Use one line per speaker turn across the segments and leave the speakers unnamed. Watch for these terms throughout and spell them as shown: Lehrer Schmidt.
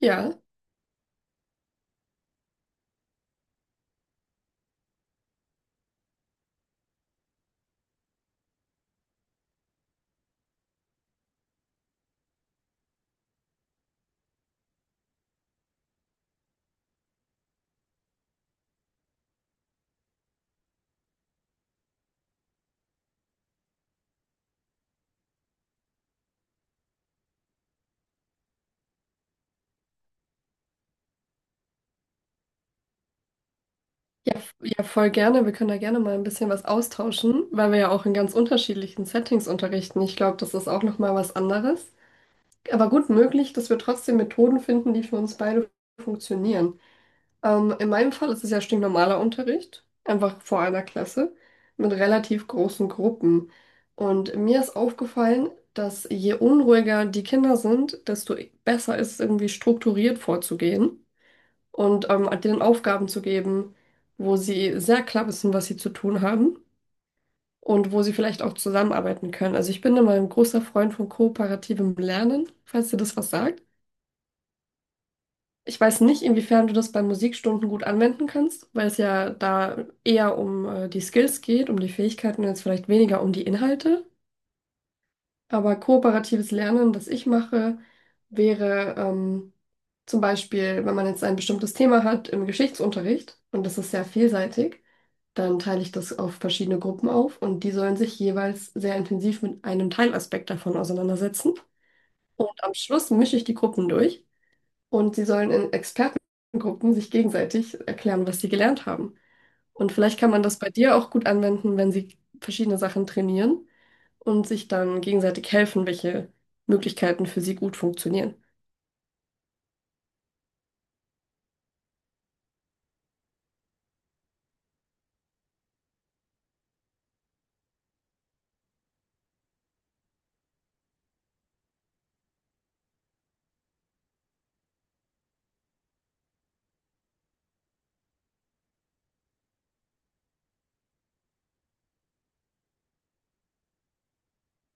Ja, voll gerne. Wir können da gerne mal ein bisschen was austauschen, weil wir ja auch in ganz unterschiedlichen Settings unterrichten. Ich glaube, das ist auch noch mal was anderes. Aber gut möglich, dass wir trotzdem Methoden finden, die für uns beide funktionieren. In meinem Fall ist es ja stinknormaler Unterricht, einfach vor einer Klasse mit relativ großen Gruppen. Und mir ist aufgefallen, dass je unruhiger die Kinder sind, desto besser ist es irgendwie strukturiert vorzugehen. Und halt denen Aufgaben zu geben, wo sie sehr klar wissen, was sie zu tun haben und wo sie vielleicht auch zusammenarbeiten können. Also ich bin immer ein großer Freund von kooperativem Lernen, falls dir das was sagt. Ich weiß nicht, inwiefern du das bei Musikstunden gut anwenden kannst, weil es ja da eher um die Skills geht, um die Fähigkeiten und jetzt vielleicht weniger um die Inhalte. Aber kooperatives Lernen, das ich mache, wäre zum Beispiel, wenn man jetzt ein bestimmtes Thema hat im Geschichtsunterricht und das ist sehr vielseitig, dann teile ich das auf verschiedene Gruppen auf und die sollen sich jeweils sehr intensiv mit einem Teilaspekt davon auseinandersetzen. Und am Schluss mische ich die Gruppen durch und sie sollen in Expertengruppen sich gegenseitig erklären, was sie gelernt haben. Und vielleicht kann man das bei dir auch gut anwenden, wenn sie verschiedene Sachen trainieren und sich dann gegenseitig helfen, welche Möglichkeiten für sie gut funktionieren.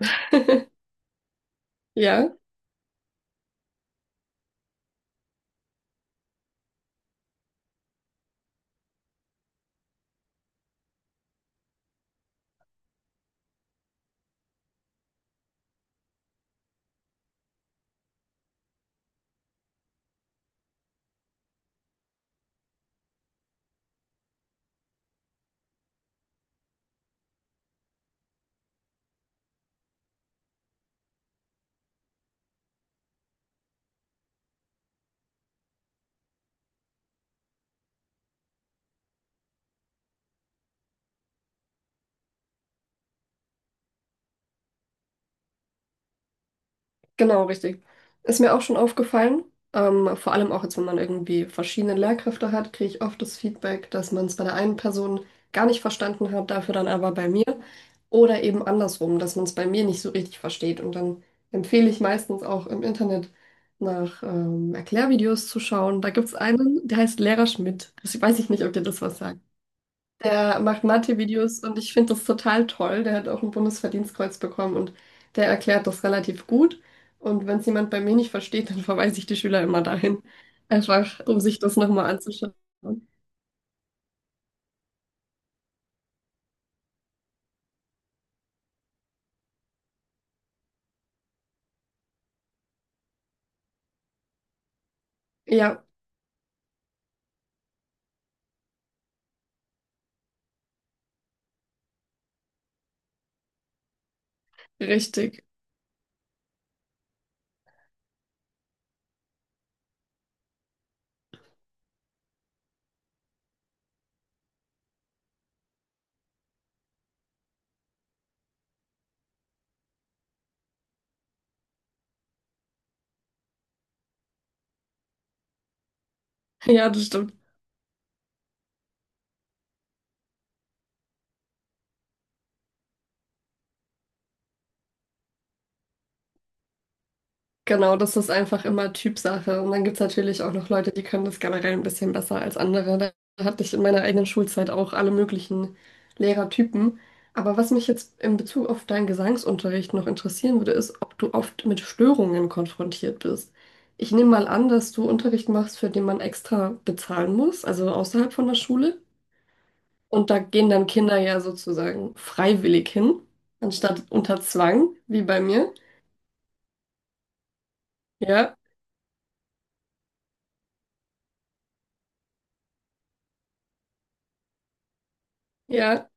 Ja. Genau, richtig. Ist mir auch schon aufgefallen. Vor allem auch jetzt, wenn man irgendwie verschiedene Lehrkräfte hat, kriege ich oft das Feedback, dass man es bei der einen Person gar nicht verstanden hat, dafür dann aber bei mir. Oder eben andersrum, dass man es bei mir nicht so richtig versteht. Und dann empfehle ich meistens auch im Internet nach Erklärvideos zu schauen. Da gibt es einen, der heißt Lehrer Schmidt. Das weiß ich nicht, ob dir das was sagt. Der macht Mathe-Videos und ich finde das total toll. Der hat auch ein Bundesverdienstkreuz bekommen und der erklärt das relativ gut. Und wenn es jemand bei mir nicht versteht, dann verweise ich die Schüler immer dahin. Einfach, um sich das nochmal anzuschauen. Ja, richtig. Ja, das stimmt. Genau, das ist einfach immer Typsache. Und dann gibt es natürlich auch noch Leute, die können das generell ein bisschen besser als andere. Da hatte ich in meiner eigenen Schulzeit auch alle möglichen Lehrertypen. Aber was mich jetzt in Bezug auf deinen Gesangsunterricht noch interessieren würde, ist, ob du oft mit Störungen konfrontiert bist. Ich nehme mal an, dass du Unterricht machst, für den man extra bezahlen muss, also außerhalb von der Schule. Und da gehen dann Kinder ja sozusagen freiwillig hin, anstatt unter Zwang, wie bei mir. Ja, ja.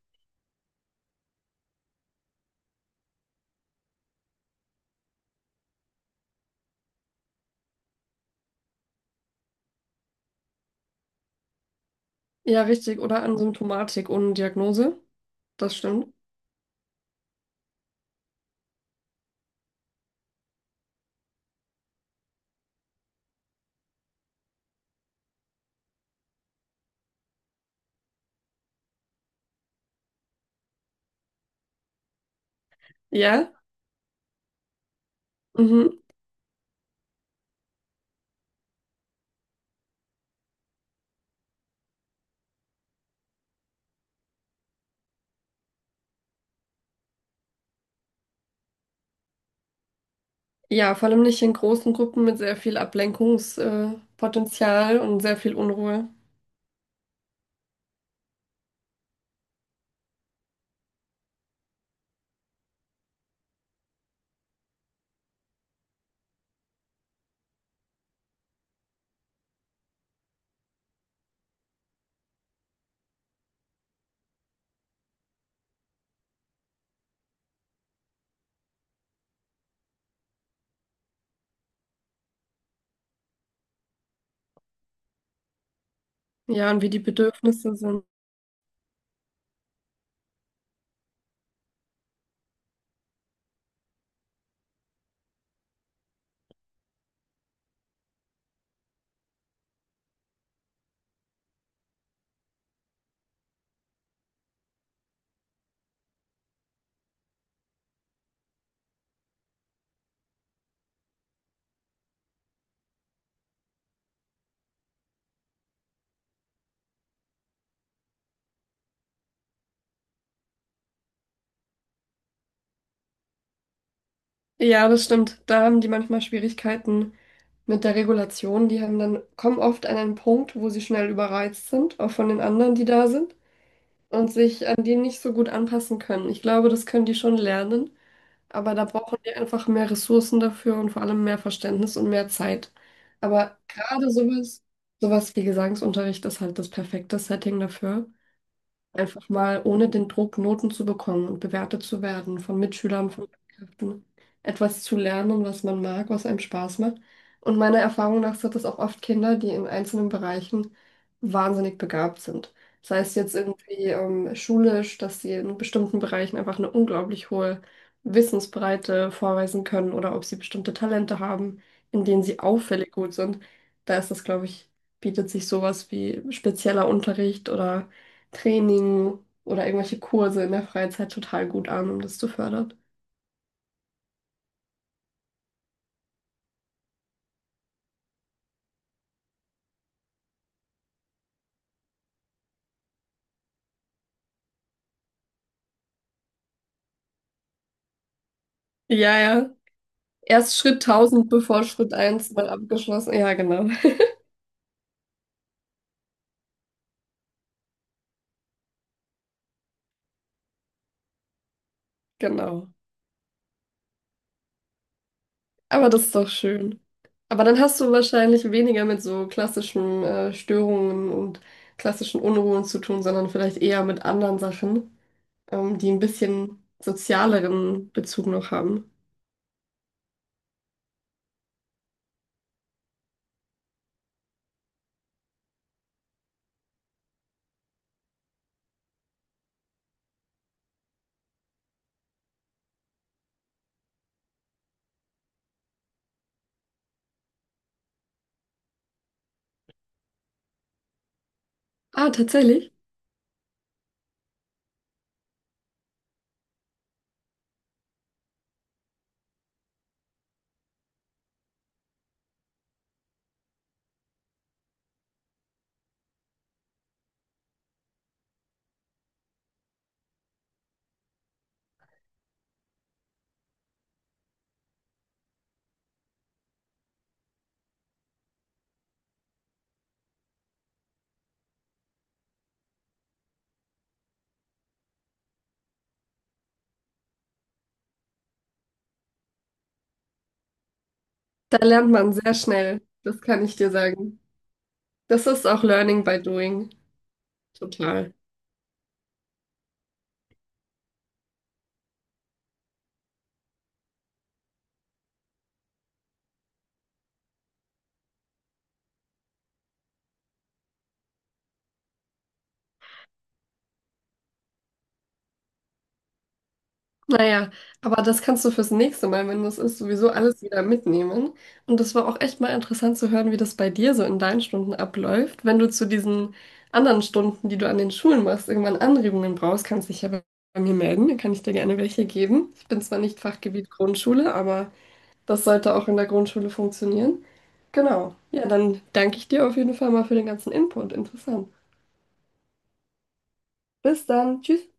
Ja, richtig. Oder an Symptomatik ohne Diagnose. Das stimmt. Ja. Mhm. Ja, vor allem nicht in großen Gruppen mit sehr viel Ablenkungspotenzial Potenzial und sehr viel Unruhe. Ja, und wie die Bedürfnisse sind. Ja, das stimmt. Da haben die manchmal Schwierigkeiten mit der Regulation. Die haben dann, kommen oft an einen Punkt, wo sie schnell überreizt sind, auch von den anderen, die da sind, und sich an die nicht so gut anpassen können. Ich glaube, das können die schon lernen. Aber da brauchen wir einfach mehr Ressourcen dafür und vor allem mehr Verständnis und mehr Zeit. Aber gerade sowas, sowas wie Gesangsunterricht ist halt das perfekte Setting dafür. Einfach mal ohne den Druck, Noten zu bekommen und bewertet zu werden von Mitschülern, von Lehrkräften, etwas zu lernen, was man mag, was einem Spaß macht. Und meiner Erfahrung nach sind das auch oft Kinder, die in einzelnen Bereichen wahnsinnig begabt sind. Sei es jetzt irgendwie schulisch, dass sie in bestimmten Bereichen einfach eine unglaublich hohe Wissensbreite vorweisen können oder ob sie bestimmte Talente haben, in denen sie auffällig gut sind. Da ist das, glaube ich, bietet sich sowas wie spezieller Unterricht oder Training oder irgendwelche Kurse in der Freizeit total gut an, um das zu fördern. Ja, ja. Erst Schritt 1000 bevor Schritt eins mal abgeschlossen. Ja, genau. Genau. Aber das ist doch schön. Aber dann hast du wahrscheinlich weniger mit so klassischen Störungen und klassischen Unruhen zu tun, sondern vielleicht eher mit anderen Sachen, die ein bisschen sozialeren Bezug noch haben. Ah, tatsächlich. Da lernt man sehr schnell. Das kann ich dir sagen. Das ist auch Learning by Doing. Total. Naja, aber das kannst du fürs nächste Mal, wenn das ist, sowieso alles wieder mitnehmen. Und das war auch echt mal interessant zu hören, wie das bei dir so in deinen Stunden abläuft. Wenn du zu diesen anderen Stunden, die du an den Schulen machst, irgendwann Anregungen brauchst, kannst dich ja bei mir melden. Dann kann ich dir gerne welche geben. Ich bin zwar nicht Fachgebiet Grundschule, aber das sollte auch in der Grundschule funktionieren. Genau. Ja, dann danke ich dir auf jeden Fall mal für den ganzen Input. Interessant. Bis dann. Tschüss.